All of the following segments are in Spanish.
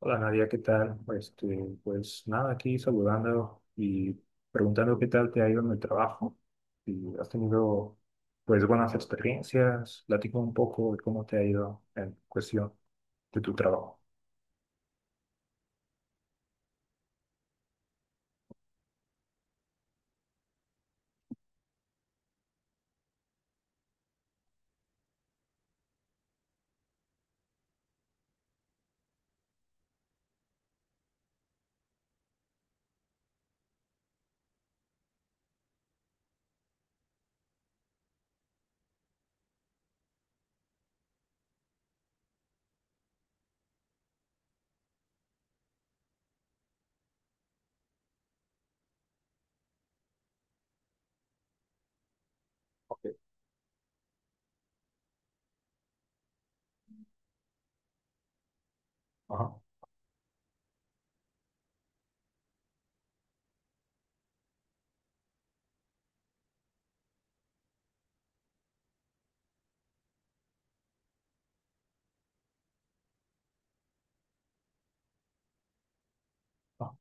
Hola Nadia, ¿qué tal? Pues nada, aquí saludando y preguntando qué tal te ha ido en el trabajo. Si has tenido pues buenas experiencias, platica un poco de cómo te ha ido en cuestión de tu trabajo. Ok. Ajá. Ajá.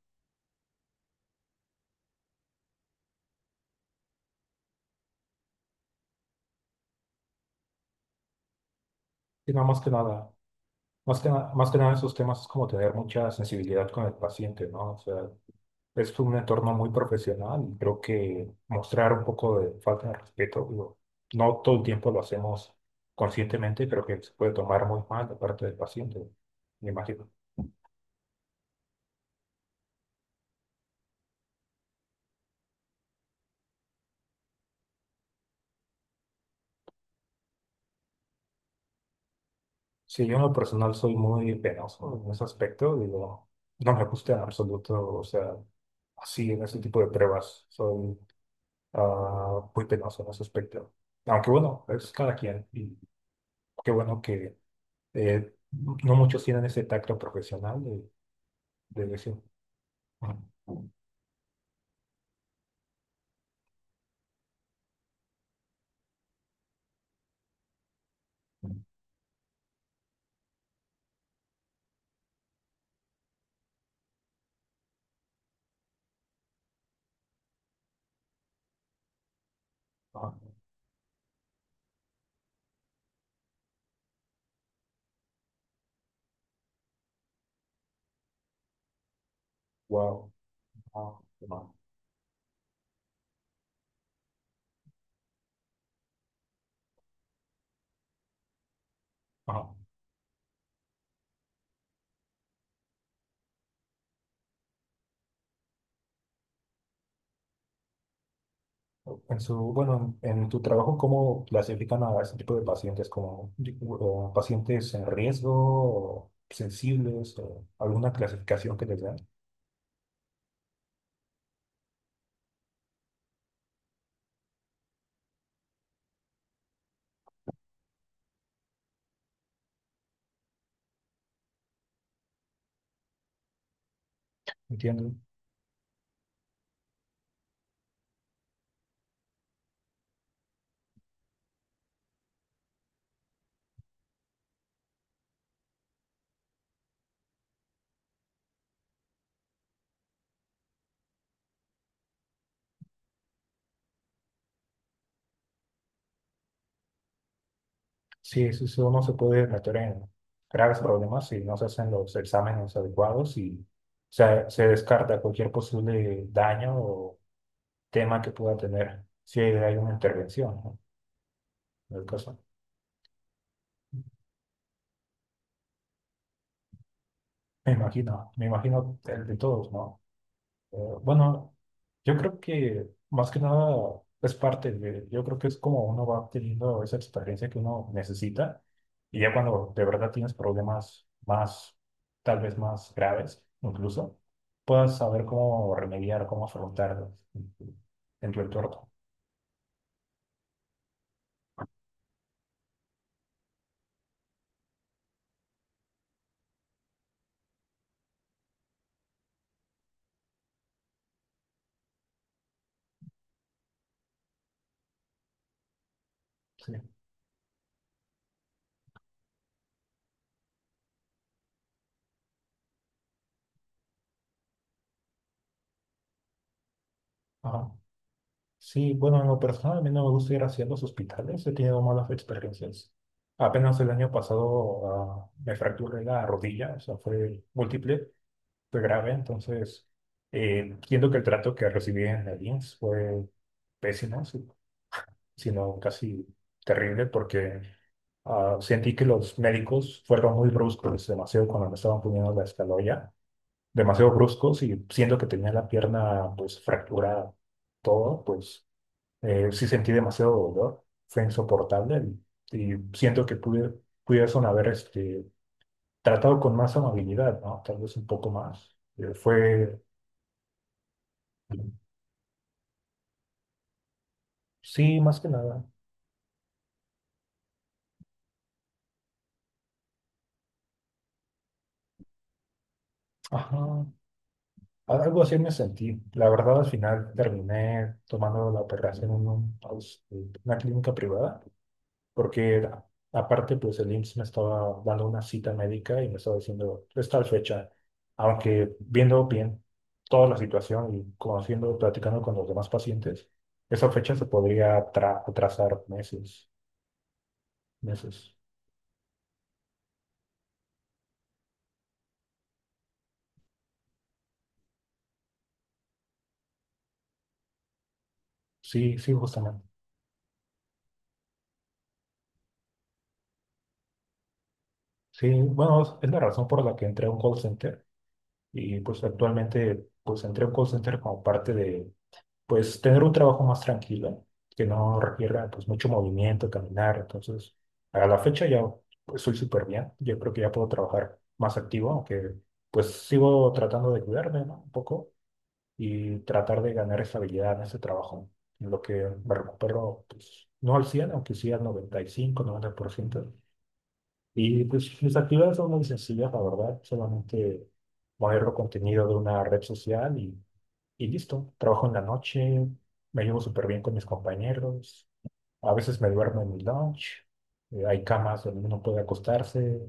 Sí, no, más que nada, más que nada esos temas es como tener mucha sensibilidad con el paciente, ¿no? O sea, es un entorno muy profesional y creo que mostrar un poco de falta de respeto, digo, no todo el tiempo lo hacemos conscientemente, creo que se puede tomar muy mal de parte del paciente, me imagino. Sí, yo en lo personal soy muy penoso en ese aspecto, digo, no me gusta en absoluto, o sea, así en ese tipo de pruebas, soy muy penoso en ese aspecto. Aunque bueno, es cada quien y qué bueno que no muchos tienen ese tacto profesional de decir. "Mm". Ajá. Wow. Ah, ah, ajá. En su, bueno, En tu trabajo, ¿cómo clasifican a ese tipo de pacientes? ¿Como di- o pacientes en riesgo o sensibles o alguna clasificación que les dan? Entiendo. Sí, eso no se puede meter en graves problemas si no se hacen los exámenes adecuados y se descarta cualquier posible daño o tema que pueda tener si hay una intervención, ¿no? En el caso. Me imagino el de todos, ¿no? Bueno, yo creo que más que nada es parte de, yo creo que es como uno va obteniendo esa experiencia que uno necesita y ya cuando de verdad tienes problemas más, tal vez más graves incluso, puedas saber cómo remediar, cómo afrontarlos en tu entorno. Sí. Ajá. Sí, bueno, en lo personal a mí no me gusta ir hacia los hospitales, he tenido malas experiencias. Apenas el año pasado me fracturé la rodilla, o sea, fue múltiple. Fue grave, entonces entiendo que el trato que recibí en la INS fue pésimo, sino casi terrible, porque sentí que los médicos fueron muy bruscos, demasiado cuando me estaban poniendo la escaloya, demasiado bruscos y siendo que tenía la pierna pues fracturada, todo, pues sí sentí demasiado dolor, fue insoportable y siento que pudiesen haber tratado con más amabilidad, ¿no? Tal vez un poco más. Fue. Sí, más que nada. Ajá. Algo así me sentí. La verdad, al final terminé tomando la operación una clínica privada, porque aparte, pues el IMSS me estaba dando una cita médica y me estaba diciendo, es tal fecha. Aunque viendo bien toda la situación y conociendo, platicando con los demás pacientes, esa fecha se podría atrasar meses, meses. Sí, sí, justamente. Sí, bueno, es la razón por la que entré a un call center. Y pues actualmente pues entré a un call center como parte de pues tener un trabajo más tranquilo, que no requiera pues mucho movimiento, caminar. Entonces, a la fecha ya pues soy súper bien. Yo creo que ya puedo trabajar más activo, aunque pues sigo tratando de cuidarme, ¿no? Un poco y tratar de ganar estabilidad en ese trabajo, en lo que me recupero pues no al 100 aunque sí al 95, 90% y pues mis actividades son muy sencillas, la verdad. Solamente mover el contenido de una red social y listo. Trabajo en la noche, me llevo súper bien con mis compañeros. A veces me duermo en mi lounge. Hay camas donde uno puede acostarse.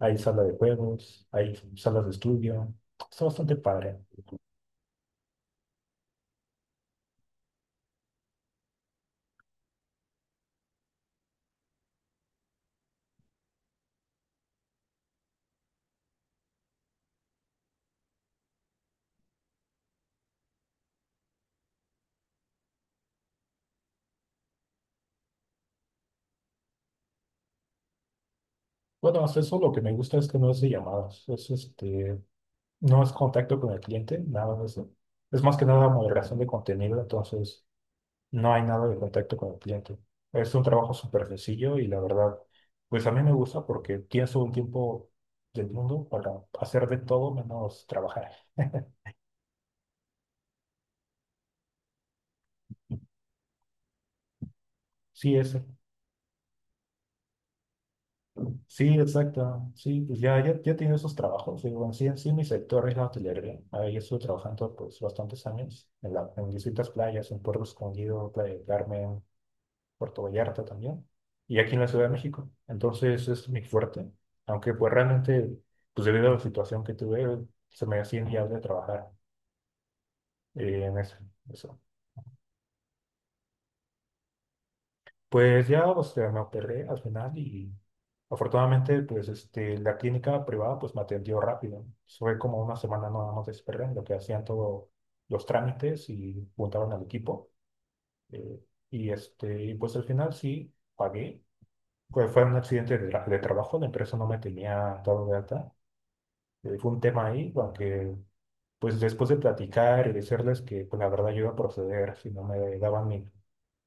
Hay sala de juegos, hay salas de estudio. Está bastante padre. Bueno, hasta eso lo que me gusta es que no es de llamadas. Es no es contacto con el cliente, nada de eso. Es más que nada moderación de contenido, entonces. No hay nada de contacto con el cliente. Es un trabajo súper sencillo y la verdad, pues a mí me gusta porque tienes un tiempo del mundo para hacer de todo menos trabajar. Sí, eso. Sí, exacto. Sí, pues ya he tenido esos trabajos. Digo, en sí, mi sector es la hotelería. Ahí estuve trabajando pues bastantes años en distintas playas, en Puerto Escondido, Playa del Carmen, Puerto Vallarta también, y aquí en la Ciudad de México. Entonces es mi fuerte, aunque pues realmente, pues debido a la situación que tuve, se me hacían días de trabajar en eso. Pues ya, o sea, me operé al final y afortunadamente, pues la clínica privada pues me atendió rápido. Fue como una semana nada más de espera en lo que hacían todos los trámites y juntaron al equipo. eh, pues al final sí pagué. Pues fue un accidente de trabajo, la empresa no me tenía dado de alta. Fue un tema ahí, aunque pues después de platicar y decirles que pues, la verdad yo iba a proceder si no me daban mi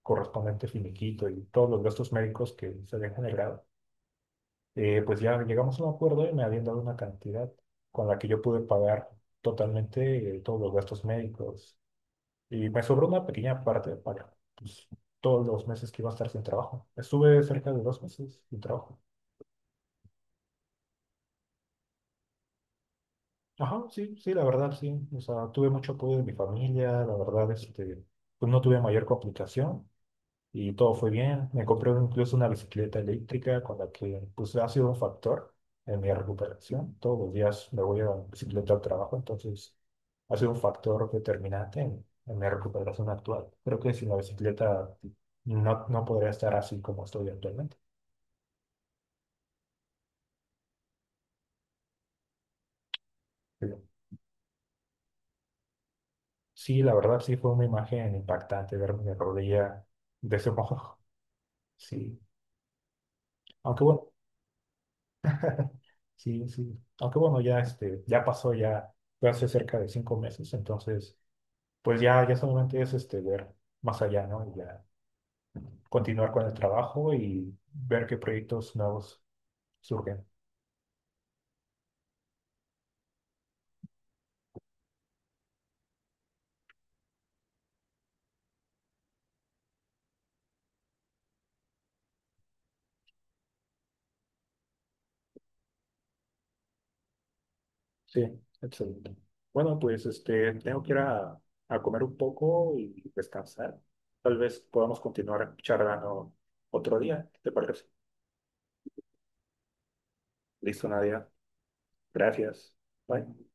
correspondiente finiquito y todos los gastos médicos que se habían generado, pues ya llegamos a un acuerdo y me habían dado una cantidad con la que yo pude pagar totalmente todos los gastos médicos. Y me sobró una pequeña parte para pues, todos los meses que iba a estar sin trabajo. Estuve cerca de 2 meses sin trabajo. Ajá, sí, sí, la verdad, sí. O sea, tuve mucho apoyo de mi familia, la verdad, pues no tuve mayor complicación y todo fue bien. Me compré incluso una bicicleta eléctrica con la que, pues, ha sido un factor en mi recuperación. Todos los días me voy a bicicleta al trabajo, entonces ha sido un factor determinante en mi recuperación actual. Creo que sin la bicicleta no podría estar así como estoy actualmente. Pero sí, la verdad, sí fue una imagen impactante ver mi rodilla de ese modo. Sí. Aunque bueno, sí, sí. Aunque bueno, ya, ya pasó, ya fue hace cerca de 5 meses, entonces, pues ya, ya solamente es ver más allá, ¿no? Y ya continuar con el trabajo y ver qué proyectos nuevos surgen. Sí, excelente. Bueno, pues tengo que a comer un poco y descansar. Tal vez podamos continuar charlando otro día. ¿Qué te parece? Listo, Nadia. Gracias. Bye.